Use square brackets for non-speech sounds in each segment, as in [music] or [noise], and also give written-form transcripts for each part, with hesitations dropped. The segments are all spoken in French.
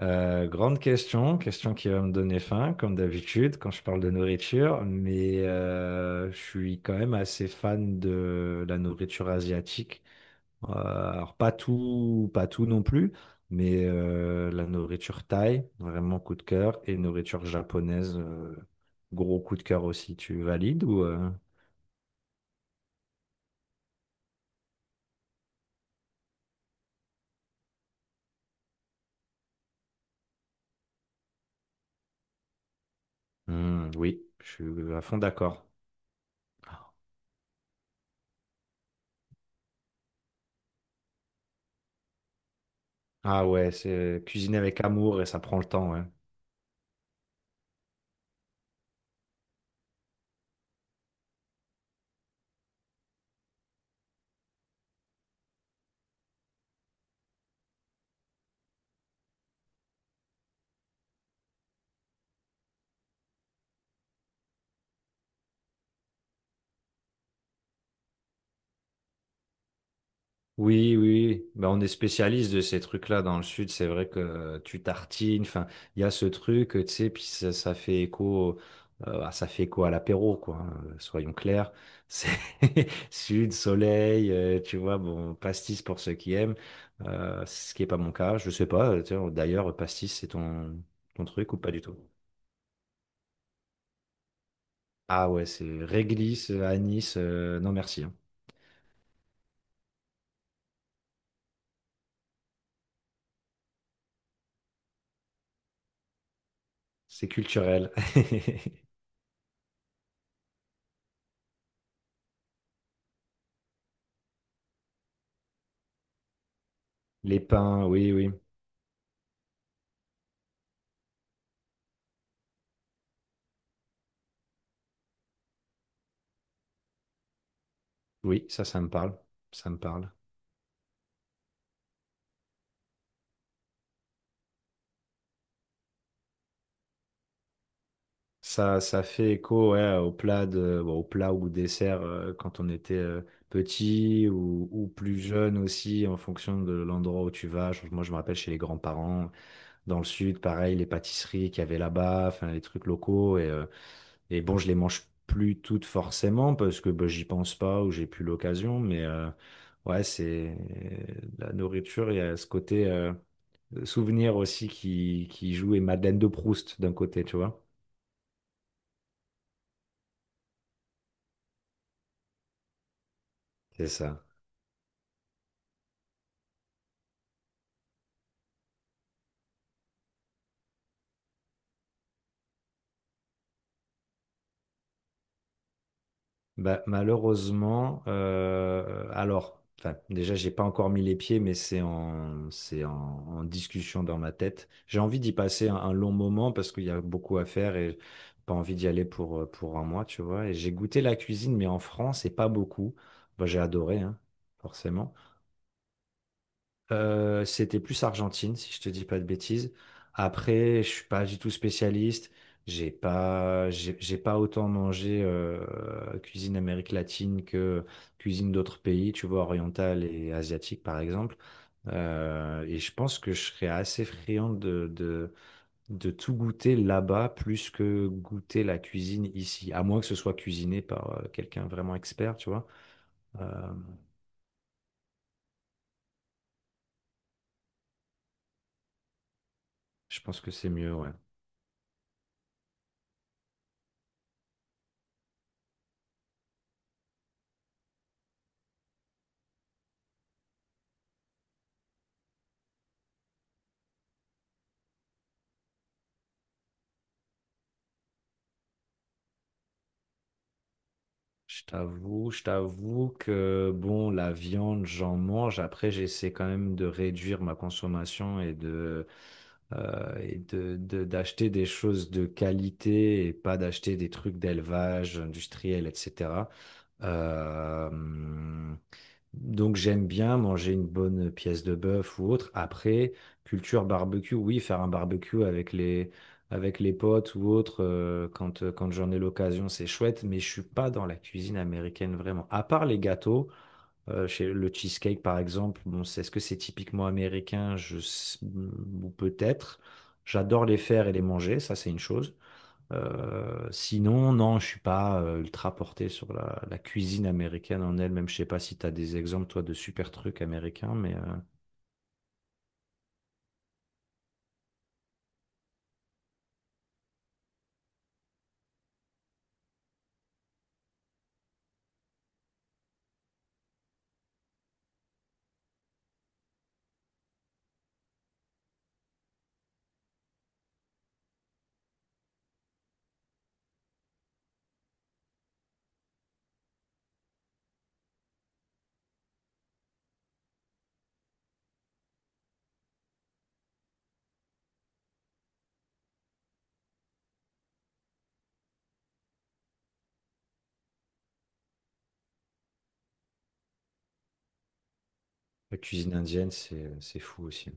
Grande question, question qui va me donner faim, comme d'habitude, quand je parle de nourriture, mais je suis quand même assez fan de la nourriture asiatique. Euh, alors pas tout non plus, mais la nourriture thaï, vraiment coup de cœur, et nourriture japonaise, gros coup de cœur aussi. Tu valides ou Hmm, oui, je suis à fond d'accord. Ah ouais, c'est cuisiner avec amour et ça prend le temps, ouais. Oui, oui, oui. Ben on est spécialiste de ces trucs-là dans le sud. C'est vrai que tu tartines, enfin, il y a ce truc, tu sais, puis ça fait écho, ça fait écho à l'apéro, quoi. Hein, soyons clairs, c'est [laughs] sud, soleil, tu vois, bon, pastis pour ceux qui aiment, ce qui est pas mon cas. Je sais pas. Tiens, d'ailleurs, pastis, c'est ton truc ou pas du tout? Ah ouais, c'est réglisse, anis, non merci. Hein. C'est culturel. [laughs] Les pains, oui, oui. Oui, ça me parle. Ça me parle. Ça fait écho ouais, au plat de, bon, au plat ou dessert quand on était petit ou plus jeune aussi, en fonction de l'endroit où tu vas. Moi, je me rappelle chez les grands-parents, dans le sud, pareil, les pâtisseries qu'il y avait là-bas, enfin, les trucs locaux. Et bon, je les mange plus toutes forcément parce que bah, j'y pense pas ou j'ai plus l'occasion. Mais ouais, c'est la nourriture, il y a ce côté. Souvenir aussi qui joue et Madeleine de Proust d'un côté, tu vois. C'est ça. Bah, malheureusement, alors, enfin, déjà, j'ai pas encore mis les pieds, mais c'est en, en discussion dans ma tête. J'ai envie d'y passer un long moment parce qu'il y a beaucoup à faire et pas envie d'y aller pour un mois, tu vois. Et j'ai goûté la cuisine, mais en France, et pas beaucoup. Bah, j'ai adoré, hein, forcément. C'était plus Argentine, si je te dis pas de bêtises. Après, je suis pas du tout spécialiste. J'ai pas autant mangé cuisine Amérique latine que cuisine d'autres pays, tu vois, orientale et asiatique par exemple. Et je pense que je serais assez friand de tout goûter là-bas plus que goûter la cuisine ici, à moins que ce soit cuisiné par quelqu'un vraiment expert, tu vois. Euh, je pense que c'est mieux, ouais. Je t'avoue que bon, la viande, j'en mange. Après, j'essaie quand même de réduire ma consommation et de d'acheter des choses de qualité et pas d'acheter des trucs d'élevage industriel, etc. Euh, donc j'aime bien manger une bonne pièce de bœuf ou autre. Après, culture barbecue, oui, faire un barbecue avec les potes ou autre, quand j'en ai l'occasion, c'est chouette, mais je suis pas dans la cuisine américaine vraiment. À part les gâteaux, chez le cheesecake par exemple, bon, est-ce que c'est typiquement américain? Ou peut-être. J'adore les faire et les manger, ça c'est une chose. Sinon, non, je suis pas ultra porté sur la cuisine américaine en elle-même. Je sais pas si tu as des exemples, toi, de super trucs américains, mais la cuisine indienne, c'est fou aussi.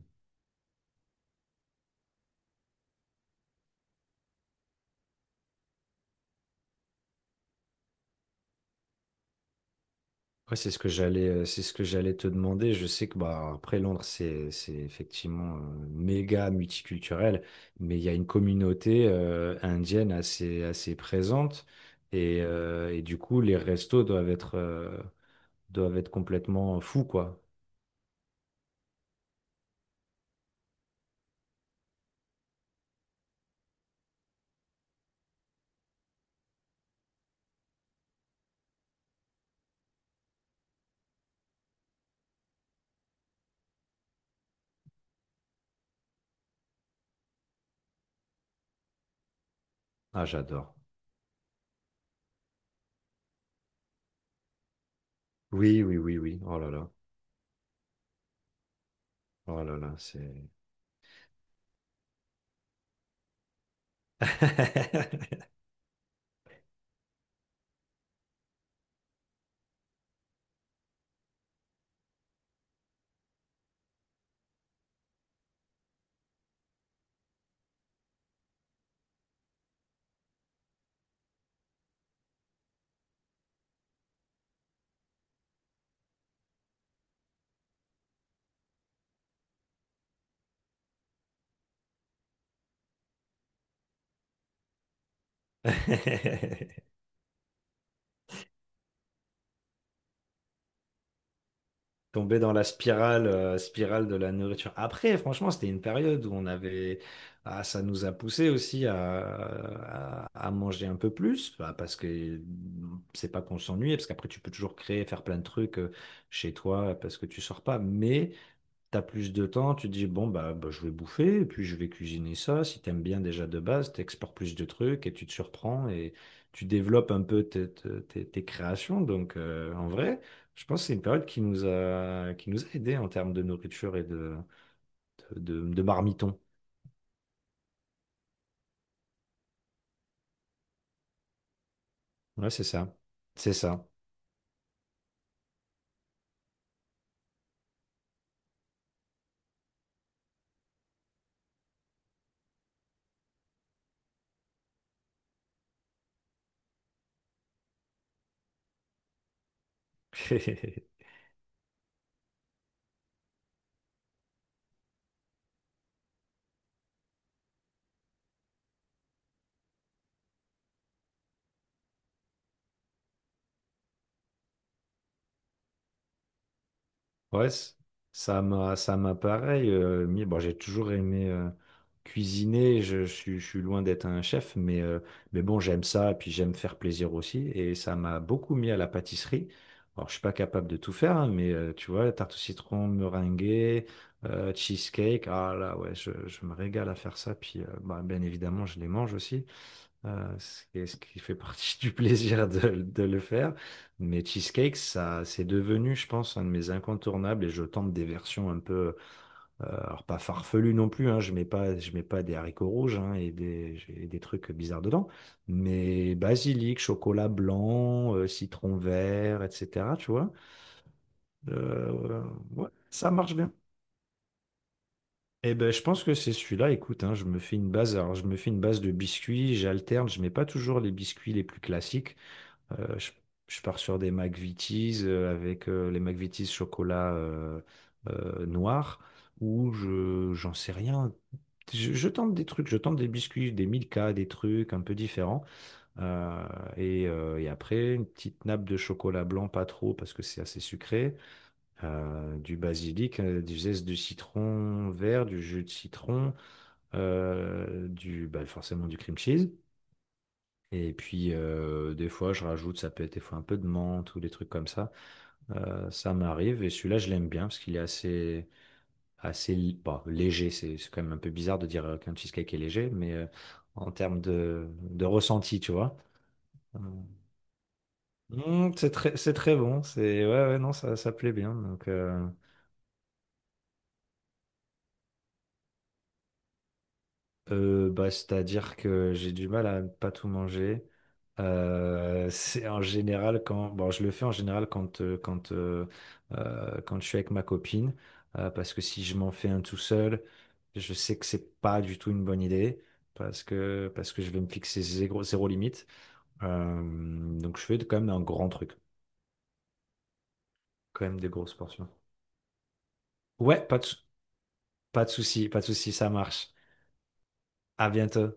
Après, c'est ce que j'allais te demander. Je sais que bah après Londres, c'est effectivement méga multiculturel, mais il y a une communauté indienne assez présente et du coup, les restos doivent être complètement fous, quoi. Ah, j'adore. Oui, oui, oui, oui. Oh là là. Oh là là, c'est... [laughs] Tomber dans la spirale, spirale de la nourriture. Après, franchement, c'était une période où on avait... Ah, ça nous a poussé aussi à manger un peu plus, bah, parce que c'est pas qu'on s'ennuie, parce qu'après, tu peux toujours créer, faire plein de trucs chez toi, parce que tu sors pas. Mais... T'as plus de temps, tu dis, bon, bah, je vais bouffer, et puis je vais cuisiner ça. Si t'aimes bien déjà de base, t'exportes plus de trucs et tu te surprends et tu développes un peu tes créations. Donc, en vrai, je pense que c'est une période qui nous a aidés en termes de nourriture et de, de marmiton. Ouais, c'est ça. C'est ça. [laughs] Ouais, ça m'a pareil. Mis, bon, j'ai toujours aimé cuisiner. Je suis loin d'être un chef, mais bon, j'aime ça. Et puis j'aime faire plaisir aussi. Et ça m'a beaucoup mis à la pâtisserie. Alors, je suis pas capable de tout faire, hein, mais tu vois, tarte au citron, meringuée, cheesecake. Ah là, ouais, je me régale à faire ça. Puis, bien évidemment, je les mange aussi. C'est ce qui fait partie [laughs] du plaisir de le faire. Mais cheesecake, ça, c'est devenu, je pense, un de mes incontournables et je tente des versions un peu, alors pas farfelues non plus, hein, je mets pas des haricots rouges hein, et des, j'ai des trucs bizarres dedans, mais basilic, chocolat blanc, citron vert, etc. Tu vois, Euh, ouais, ça marche bien. Eh ben, je pense que c'est celui-là. Écoute, hein, je me fais une base. Alors, je me fais une base de biscuits. J'alterne. Je mets pas toujours les biscuits les plus classiques. Euh, je, je pars sur des McVitie's avec les McVitie's chocolat noir ou je j'en sais rien. Je tente des trucs, je tente des biscuits, des Milka, des trucs un peu différents. Euh, et après, une petite nappe de chocolat blanc, pas trop parce que c'est assez sucré. Du basilic, du zeste de citron vert, du jus de citron, bah, forcément du cream cheese. Et puis, des fois, je rajoute, ça peut être des fois un peu de menthe ou des trucs comme ça. Ça m'arrive. Et celui-là, je l'aime bien parce qu'il est assez, bon, léger. C'est quand même un peu bizarre de dire qu'un cheesecake est léger, mais en termes de ressenti, tu vois. Euh, c'est très bon. C'est, ouais, ouais, non, ça plaît bien. Donc, bah, c'est-à-dire que j'ai du mal à ne pas tout manger. C'est en général quand, bon, je le fais en général quand quand je suis avec ma copine, parce que si je m'en fais un tout seul, je sais que c'est pas du tout une bonne idée, parce que je vais me fixer zéro limite. Euh, donc je fais quand même un grand truc, quand même des grosses portions. Ouais, pas de souci, pas de souci, ça marche. À bientôt.